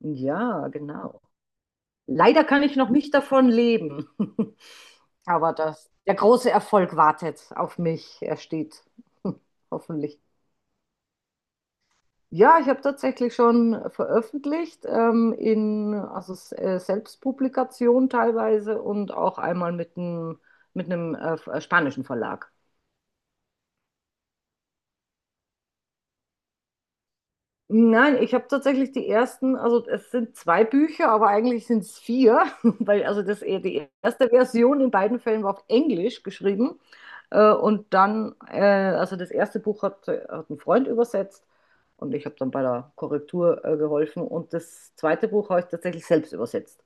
Ja, genau. Leider kann ich noch nicht davon leben, aber das, der große Erfolg wartet auf mich. Er steht, hoffentlich. Ja, ich habe tatsächlich schon veröffentlicht, in also Selbstpublikation teilweise und auch einmal mit einem mit einem spanischen Verlag. Nein, ich habe tatsächlich die ersten, also es sind zwei Bücher, aber eigentlich sind es vier, weil also die erste Version in beiden Fällen war auf Englisch geschrieben und dann also das erste Buch hat ein Freund übersetzt und ich habe dann bei der Korrektur geholfen und das zweite Buch habe ich tatsächlich selbst übersetzt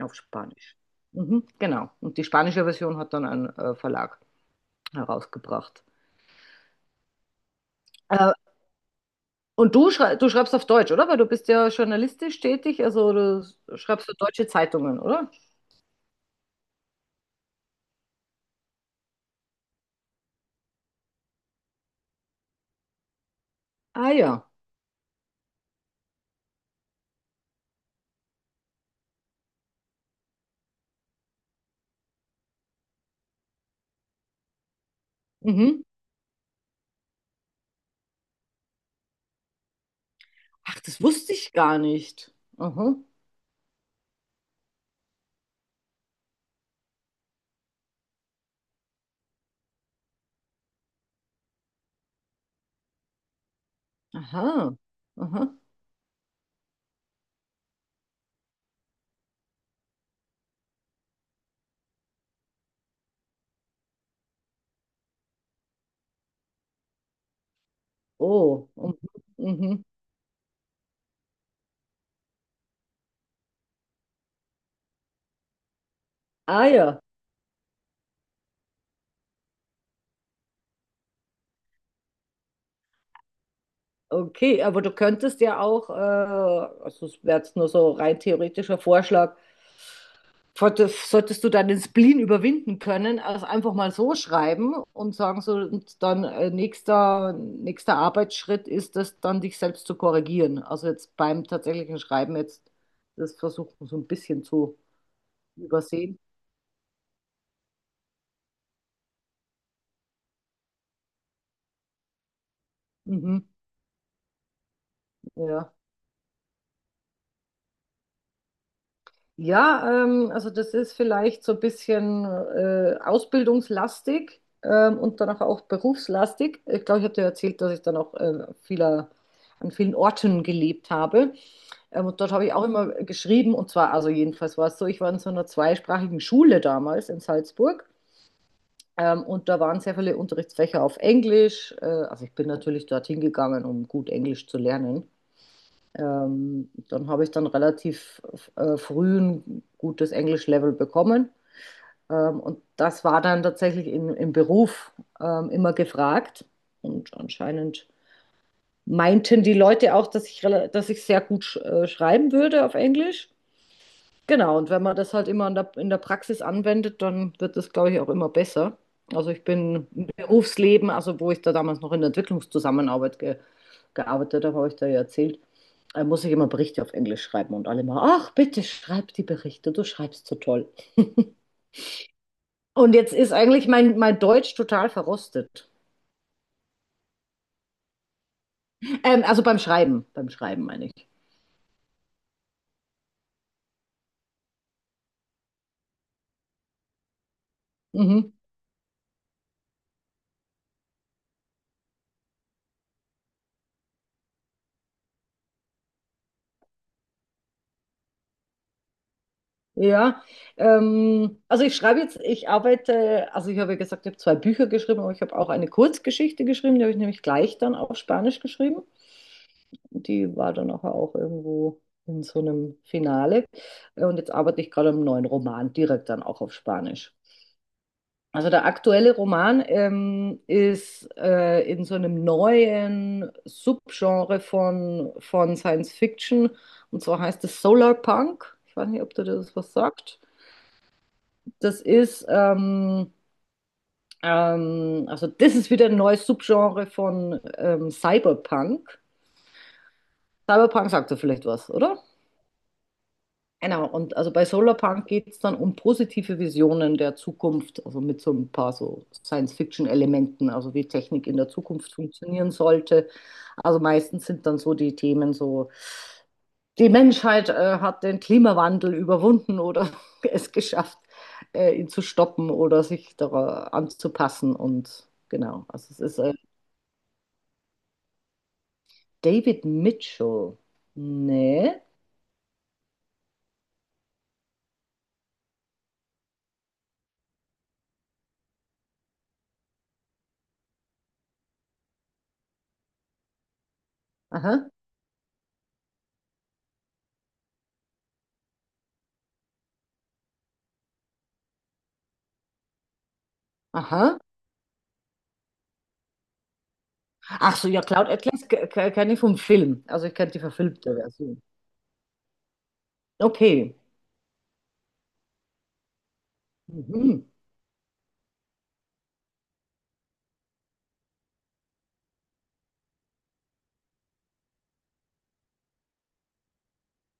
auf Spanisch. Mhm, genau, und die spanische Version hat dann ein Verlag herausgebracht. Äh, Und du schreibst auf Deutsch, oder? Weil du bist ja journalistisch tätig, also du schreibst für deutsche Zeitungen, oder? Ah ja. Mhm. Ach, das wusste ich gar nicht. Aha. Aha. Aha. Oh. Mhm. Mhm. Ah ja. Okay, aber du könntest ja auch, also es wäre jetzt nur so rein theoretischer Vorschlag, solltest du dann den Spleen überwinden können, also einfach mal so schreiben und sagen so, und dann nächster Arbeitsschritt ist es dann, dich selbst zu korrigieren. Also jetzt beim tatsächlichen Schreiben jetzt das versuchen so ein bisschen zu übersehen. Mhm, ja. Ja, also das ist vielleicht so ein bisschen ausbildungslastig und danach auch berufslastig. Ich glaube, ich habe dir erzählt, dass ich dann auch an vielen Orten gelebt habe. Und dort habe ich auch immer geschrieben, und zwar, also jedenfalls war es so, ich war in so einer zweisprachigen Schule damals in Salzburg. Und da waren sehr viele Unterrichtsfächer auf Englisch. Also ich bin natürlich dorthin gegangen, um gut Englisch zu lernen. Dann habe ich dann relativ früh ein gutes Englisch-Level bekommen. Und das war dann tatsächlich im Beruf immer gefragt. Und anscheinend meinten die Leute auch, dass dass ich sehr gut schreiben würde auf Englisch. Genau, und wenn man das halt immer in in der Praxis anwendet, dann wird das, glaube ich, auch immer besser. Also ich bin im Berufsleben, also wo ich da damals noch in der Entwicklungszusammenarbeit ge gearbeitet habe, habe ich da ja erzählt, muss ich immer Berichte auf Englisch schreiben und alle mal, ach, bitte schreib die Berichte, du schreibst so toll. Und jetzt ist eigentlich mein Deutsch total verrostet. Also beim Schreiben meine ich. Mhm. Ja, also ich schreibe jetzt, ich arbeite, also ich habe ja gesagt, ich habe zwei Bücher geschrieben, aber ich habe auch eine Kurzgeschichte geschrieben, die habe ich nämlich gleich dann auf Spanisch geschrieben. Die war dann nachher auch irgendwo in so einem Finale. Und jetzt arbeite ich gerade am neuen Roman, direkt dann auch auf Spanisch. Also der aktuelle Roman ist in so einem neuen Subgenre von Science Fiction, und zwar heißt es Solarpunk. Ich weiß nicht, ob dir das was sagt. Das ist, also das ist wieder ein neues Subgenre von Cyberpunk. Cyberpunk sagt ja vielleicht was, oder? Genau, und also bei Solarpunk geht es dann um positive Visionen der Zukunft, also mit so ein paar so Science-Fiction-Elementen, also wie Technik in der Zukunft funktionieren sollte. Also meistens sind dann so die Themen so die Menschheit hat den Klimawandel überwunden oder es geschafft, ihn zu stoppen oder sich daran anzupassen. Und genau, also es ist David Mitchell. Nee. Aha. Aha. Ach so, ja, Cloud Atlas kenne ich vom Film. Also ich kenne die verfilmte Version. Okay. Mhm.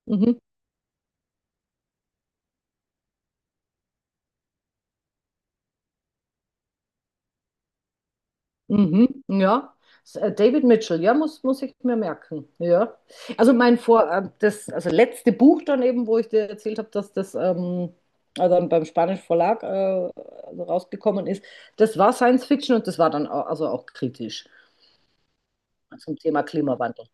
Mhm. Mhm, ja. David Mitchell, ja, muss ich mir merken. Ja. Also also letzte Buch dann eben, wo ich dir erzählt habe, dass das dann beim spanischen Verlag also rausgekommen ist, das war Science Fiction und das war dann also auch kritisch zum Thema Klimawandel.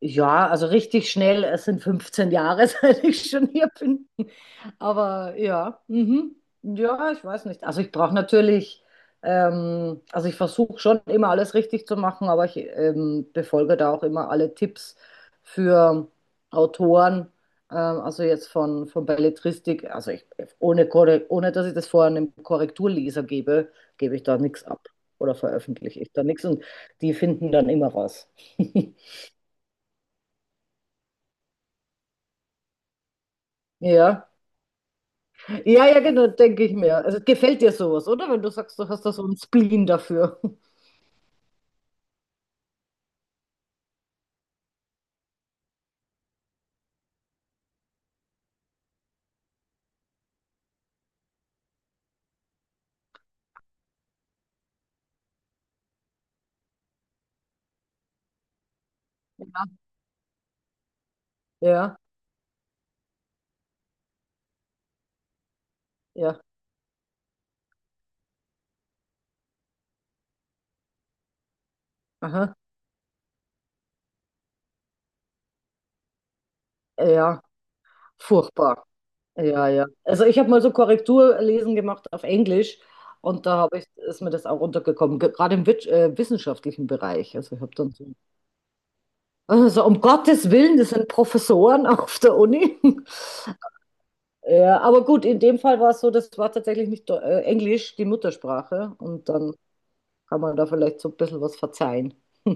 Ja, also richtig schnell, es sind 15 Jahre, seit ich schon hier bin. Aber ja, mhm. Ja, ich weiß nicht. Also ich brauche natürlich, also ich versuche schon immer alles richtig zu machen, aber ich befolge da auch immer alle Tipps für Autoren, also jetzt von Belletristik, also ich, ohne, Korre- ohne dass ich das vorher einem Korrekturleser gebe, gebe ich da nichts ab oder veröffentliche ich da nichts und die finden dann immer raus. Ja. Ja, ja, genau, denke ich mir. Also gefällt dir sowas, oder? Wenn du sagst, du hast da so einen Spleen dafür. Ja, ja, aha, ja, furchtbar. Ja, ja. Also ich habe mal so Korrekturlesen gemacht auf Englisch und da habe ist mir das auch runtergekommen, gerade im wissenschaftlichen Bereich. Also ich habe dann so, also um Gottes Willen, das sind Professoren auf der Uni. Ja, aber gut, in dem Fall war es so, das war tatsächlich nicht Englisch, die Muttersprache und dann kann man da vielleicht so ein bisschen was verzeihen.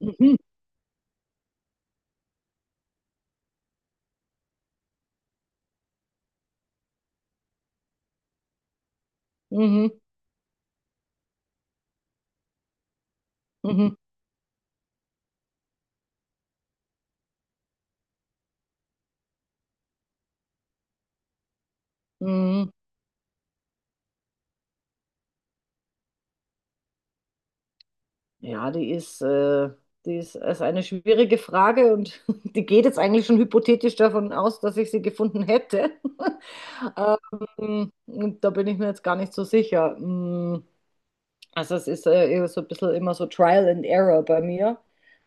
Mhm, mhm, mhm, mhm. Ja, die ist, ist eine schwierige Frage und die geht jetzt eigentlich schon hypothetisch davon aus, dass ich sie gefunden hätte. Und da bin ich mir jetzt gar nicht so sicher. Mm, also es ist eher so ein bisschen immer so Trial and Error bei mir.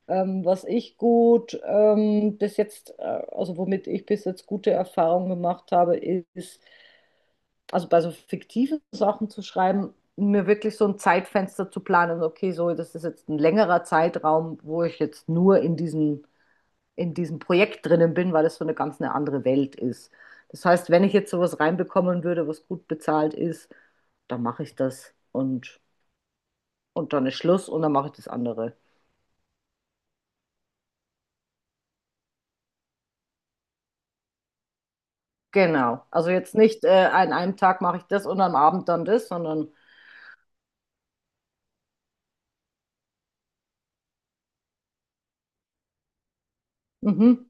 Was ich gut bis jetzt, Also womit ich bis jetzt gute Erfahrungen gemacht habe, ist also bei so fiktiven Sachen zu schreiben, mir wirklich so ein Zeitfenster zu planen, okay, so, das ist jetzt ein längerer Zeitraum, wo ich jetzt nur in diesem Projekt drinnen bin, weil es so eine ganz eine andere Welt ist. Das heißt, wenn ich jetzt sowas reinbekommen würde, was gut bezahlt ist, dann mache ich das und dann ist Schluss und dann mache ich das andere. Genau. Also jetzt nicht an einem Tag mache ich das und am Abend dann das, sondern mhm.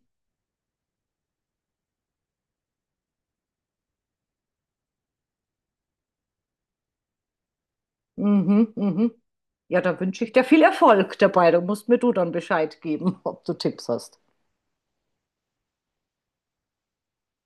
Mhm, mhm. Ja, da wünsche ich dir viel Erfolg dabei. Da musst mir du dann Bescheid geben, ob du Tipps hast.